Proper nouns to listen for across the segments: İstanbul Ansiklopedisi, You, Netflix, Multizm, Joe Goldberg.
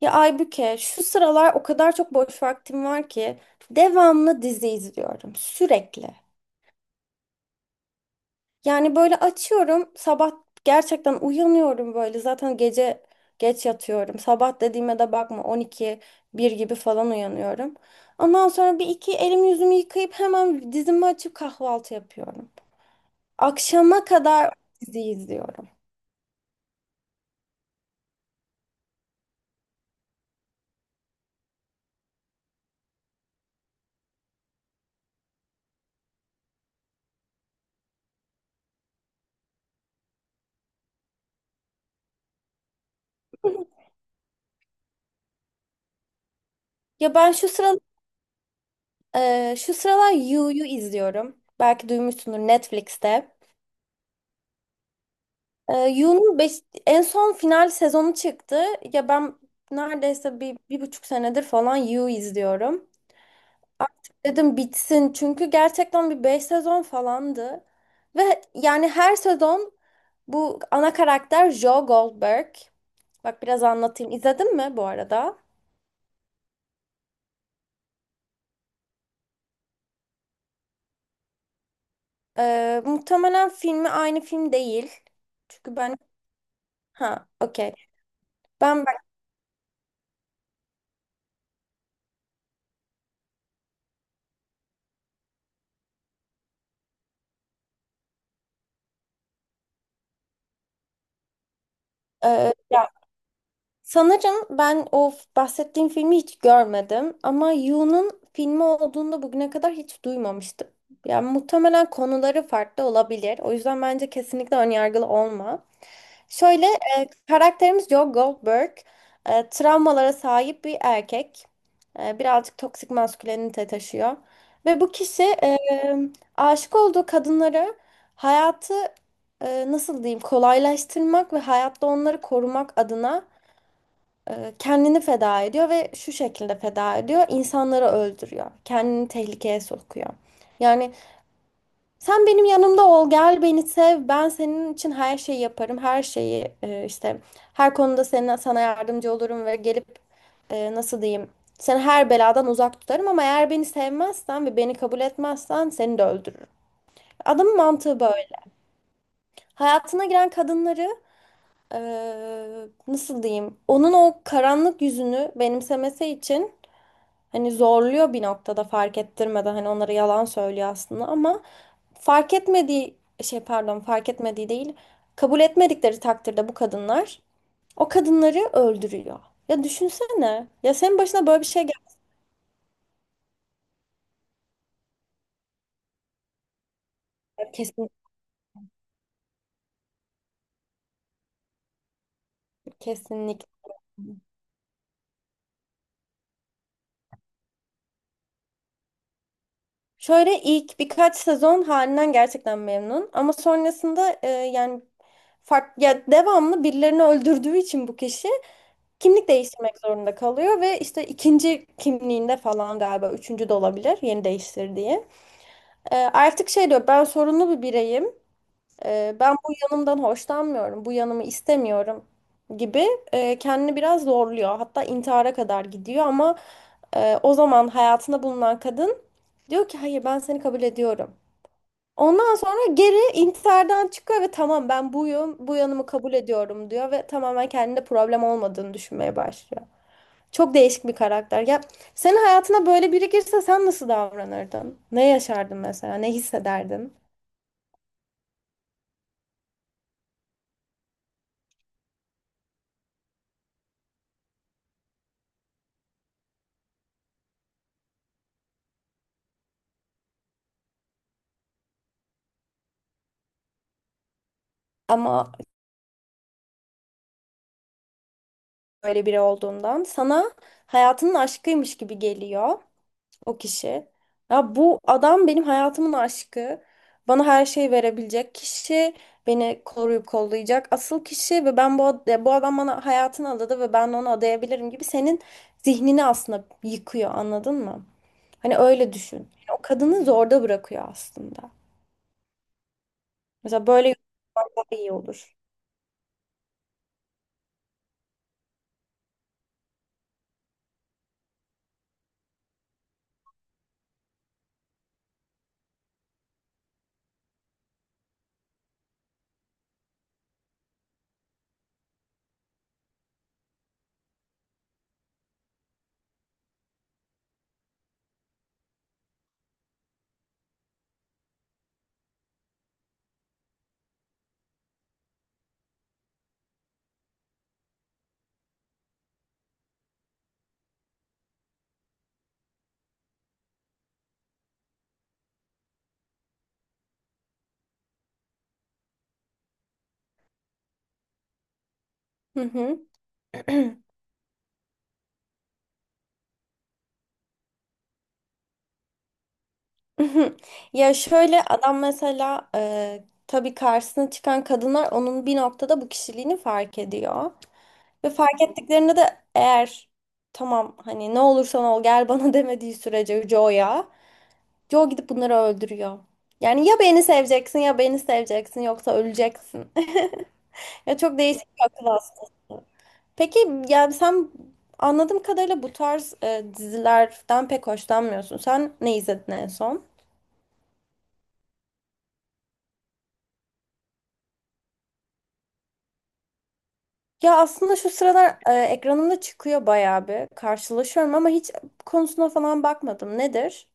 Ya Aybüke, şu sıralar o kadar çok boş vaktim var ki devamlı dizi izliyorum sürekli. Yani böyle açıyorum sabah gerçekten uyanıyorum böyle zaten gece geç yatıyorum. Sabah dediğime de bakma 12 bir gibi falan uyanıyorum. Ondan sonra bir iki elimi yüzümü yıkayıp hemen dizimi açıp kahvaltı yapıyorum. Akşama kadar dizi izliyorum. Ya ben şu sıra e, Şu sıralar You'yu izliyorum. Belki duymuşsundur Netflix'te. You'nun en son final sezonu çıktı. Ya ben neredeyse bir, bir buçuk senedir falan You izliyorum. Artık dedim bitsin çünkü gerçekten bir beş sezon falandı. Ve yani her sezon bu ana karakter Joe Goldberg. Bak biraz anlatayım. İzledin mi bu arada? Muhtemelen filmi aynı film değil. Çünkü ben... Ha, okey. Ben Ee, Sanırım ben o f- bahsettiğim filmi hiç görmedim ama Yu'nun filmi olduğunda bugüne kadar hiç duymamıştım. Yani muhtemelen konuları farklı olabilir. O yüzden bence kesinlikle önyargılı olma. Şöyle, karakterimiz Joe Goldberg travmalara sahip bir erkek. Birazcık toksik maskülenite taşıyor. Ve bu kişi aşık olduğu kadınları hayatı nasıl diyeyim kolaylaştırmak ve hayatta onları korumak adına kendini feda ediyor ve şu şekilde feda ediyor. İnsanları öldürüyor. Kendini tehlikeye sokuyor. Yani sen benim yanımda ol, gel beni sev. Ben senin için her şeyi yaparım. Her şeyi işte her konuda senin, sana yardımcı olurum ve gelip nasıl diyeyim? Seni her beladan uzak tutarım ama eğer beni sevmezsen ve beni kabul etmezsen seni de öldürürüm. Adamın mantığı böyle. Hayatına giren kadınları e, nasıl diyeyim? Onun o karanlık yüzünü benimsemesi için hani zorluyor, bir noktada fark ettirmeden hani onlara yalan söylüyor aslında ama fark etmediği şey, pardon, fark etmediği değil, kabul etmedikleri takdirde bu kadınlar o kadınları öldürüyor. Ya düşünsene ya, senin başına böyle bir şey geldi. kesin Kesinlikle. Şöyle ilk birkaç sezon halinden gerçekten memnun ama sonrasında yani fark, ya devamlı birilerini öldürdüğü için bu kişi kimlik değiştirmek zorunda kalıyor ve işte ikinci kimliğinde falan, galiba üçüncü de olabilir yeni değiştirdiği. Artık şey diyor, ben sorunlu bir bireyim. Ben bu yanımdan hoşlanmıyorum. Bu yanımı istemiyorum gibi kendini biraz zorluyor. Hatta intihara kadar gidiyor ama o zaman hayatında bulunan kadın diyor ki hayır, ben seni kabul ediyorum. Ondan sonra geri intihardan çıkıyor ve tamam ben buyum, bu yanımı kabul ediyorum diyor ve tamamen kendinde problem olmadığını düşünmeye başlıyor. Çok değişik bir karakter. Ya senin hayatına böyle biri girse sen nasıl davranırdın? Ne yaşardın mesela? Ne hissederdin? Ama böyle biri olduğundan sana hayatının aşkıymış gibi geliyor o kişi. Ya bu adam benim hayatımın aşkı. Bana her şeyi verebilecek kişi, beni koruyup kollayacak asıl kişi ve ben bu adam bana hayatını adadı ve ben de onu adayabilirim gibi senin zihnini aslında yıkıyor, anladın mı? Hani öyle düşün. Yani o kadını zorda bırakıyor aslında. Mesela böyle yorumlar daha iyi olur. Hı hı. Ya şöyle adam mesela, tabii karşısına çıkan kadınlar onun bir noktada bu kişiliğini fark ediyor. Ve fark ettiklerinde de eğer tamam hani ne olursan ol gel bana demediği sürece Joe gidip bunları öldürüyor. Yani ya beni seveceksin ya beni seveceksin yoksa öleceksin. Ya çok değişik bir akıl hastası. Peki yani sen, anladığım kadarıyla bu tarz dizilerden pek hoşlanmıyorsun. Sen ne izledin en son? Ya aslında şu sıralar ekranımda çıkıyor bayağı bir. Karşılaşıyorum ama hiç konusuna falan bakmadım. Nedir?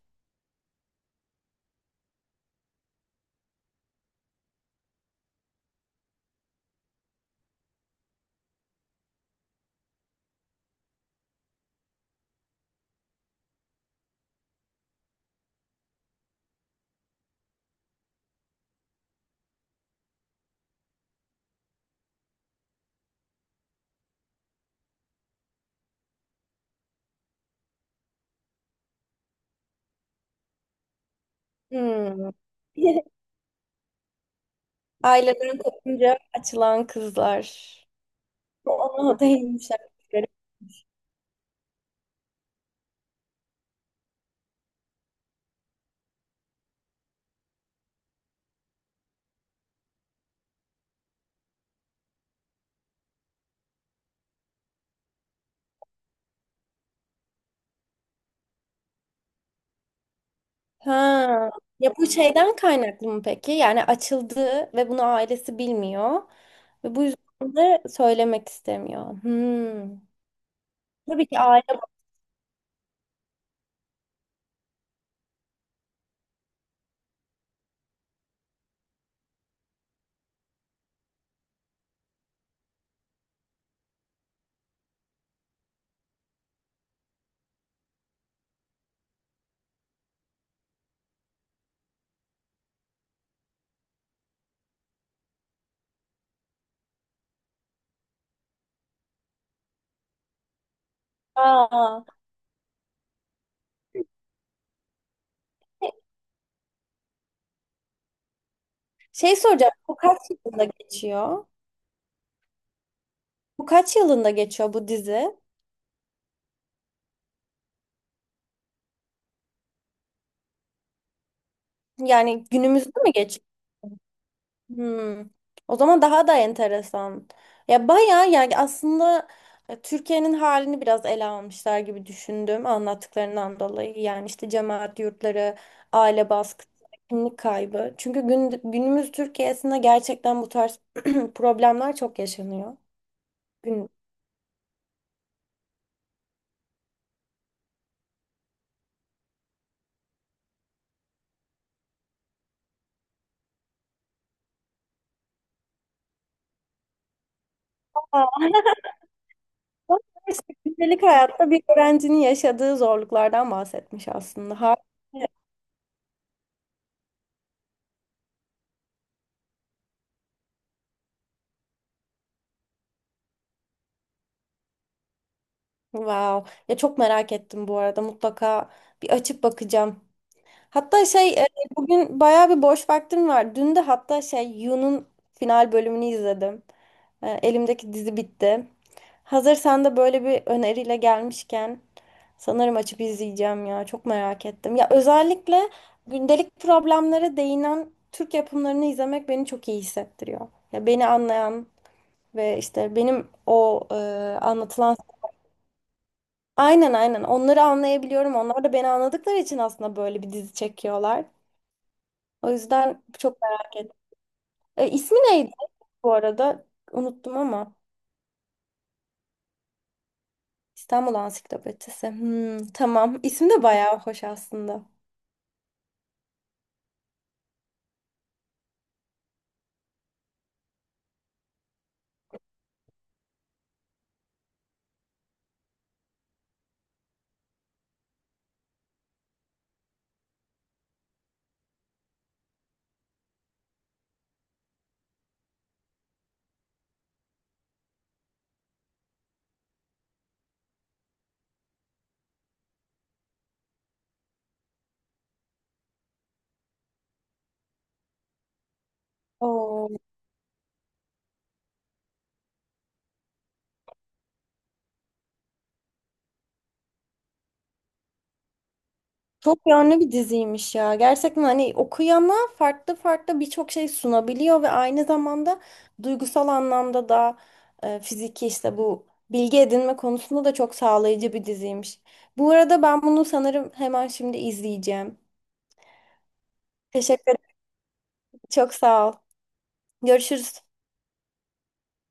Hmm. Aileden kopunca açılan kızlar. O değilmiş hakikaten. Ha. Ya bu şeyden kaynaklı mı peki? Yani açıldı ve bunu ailesi bilmiyor. Ve bu yüzden de söylemek istemiyor. Hmm. Tabii ki aile. Aa. Şey soracağım. Bu kaç yılında geçiyor? Bu kaç yılında geçiyor bu dizi? Yani günümüzde mi geçiyor? Hmm. O zaman daha da enteresan. Ya bayağı yani aslında, Türkiye'nin halini biraz ele almışlar gibi düşündüm anlattıklarından dolayı. Yani işte cemaat yurtları, aile baskısı, kimlik kaybı. Çünkü gün, günümüz Türkiye'sinde gerçekten bu tarz problemler çok yaşanıyor. Gün... Aa, gündelik hayatta bir öğrencinin yaşadığı zorluklardan bahsetmiş aslında. Harika. Wow. Ya çok merak ettim bu arada. Mutlaka bir açıp bakacağım. Hatta şey bugün bayağı bir boş vaktim var. Dün de hatta şey Yu'nun final bölümünü izledim. Elimdeki dizi bitti. Hazır sen de böyle bir öneriyle gelmişken sanırım açıp izleyeceğim ya. Çok merak ettim. Ya özellikle gündelik problemlere değinen Türk yapımlarını izlemek beni çok iyi hissettiriyor. Ya beni anlayan ve işte benim o anlatılan aynen aynen. Onları anlayabiliyorum. Onlar da beni anladıkları için aslında böyle bir dizi çekiyorlar. O yüzden çok merak ettim. İsmi neydi bu arada? Unuttum ama. İstanbul Ansiklopedisi. Hmm, tamam. İsmi de bayağı hoş aslında. Oo. Çok yönlü bir diziymiş ya. Gerçekten hani okuyana farklı farklı birçok şey sunabiliyor ve aynı zamanda duygusal anlamda da, fiziki işte bu bilgi edinme konusunda da çok sağlayıcı bir diziymiş. Bu arada ben bunu sanırım hemen şimdi izleyeceğim. Teşekkür ederim. Çok sağ ol. Görüşürüz.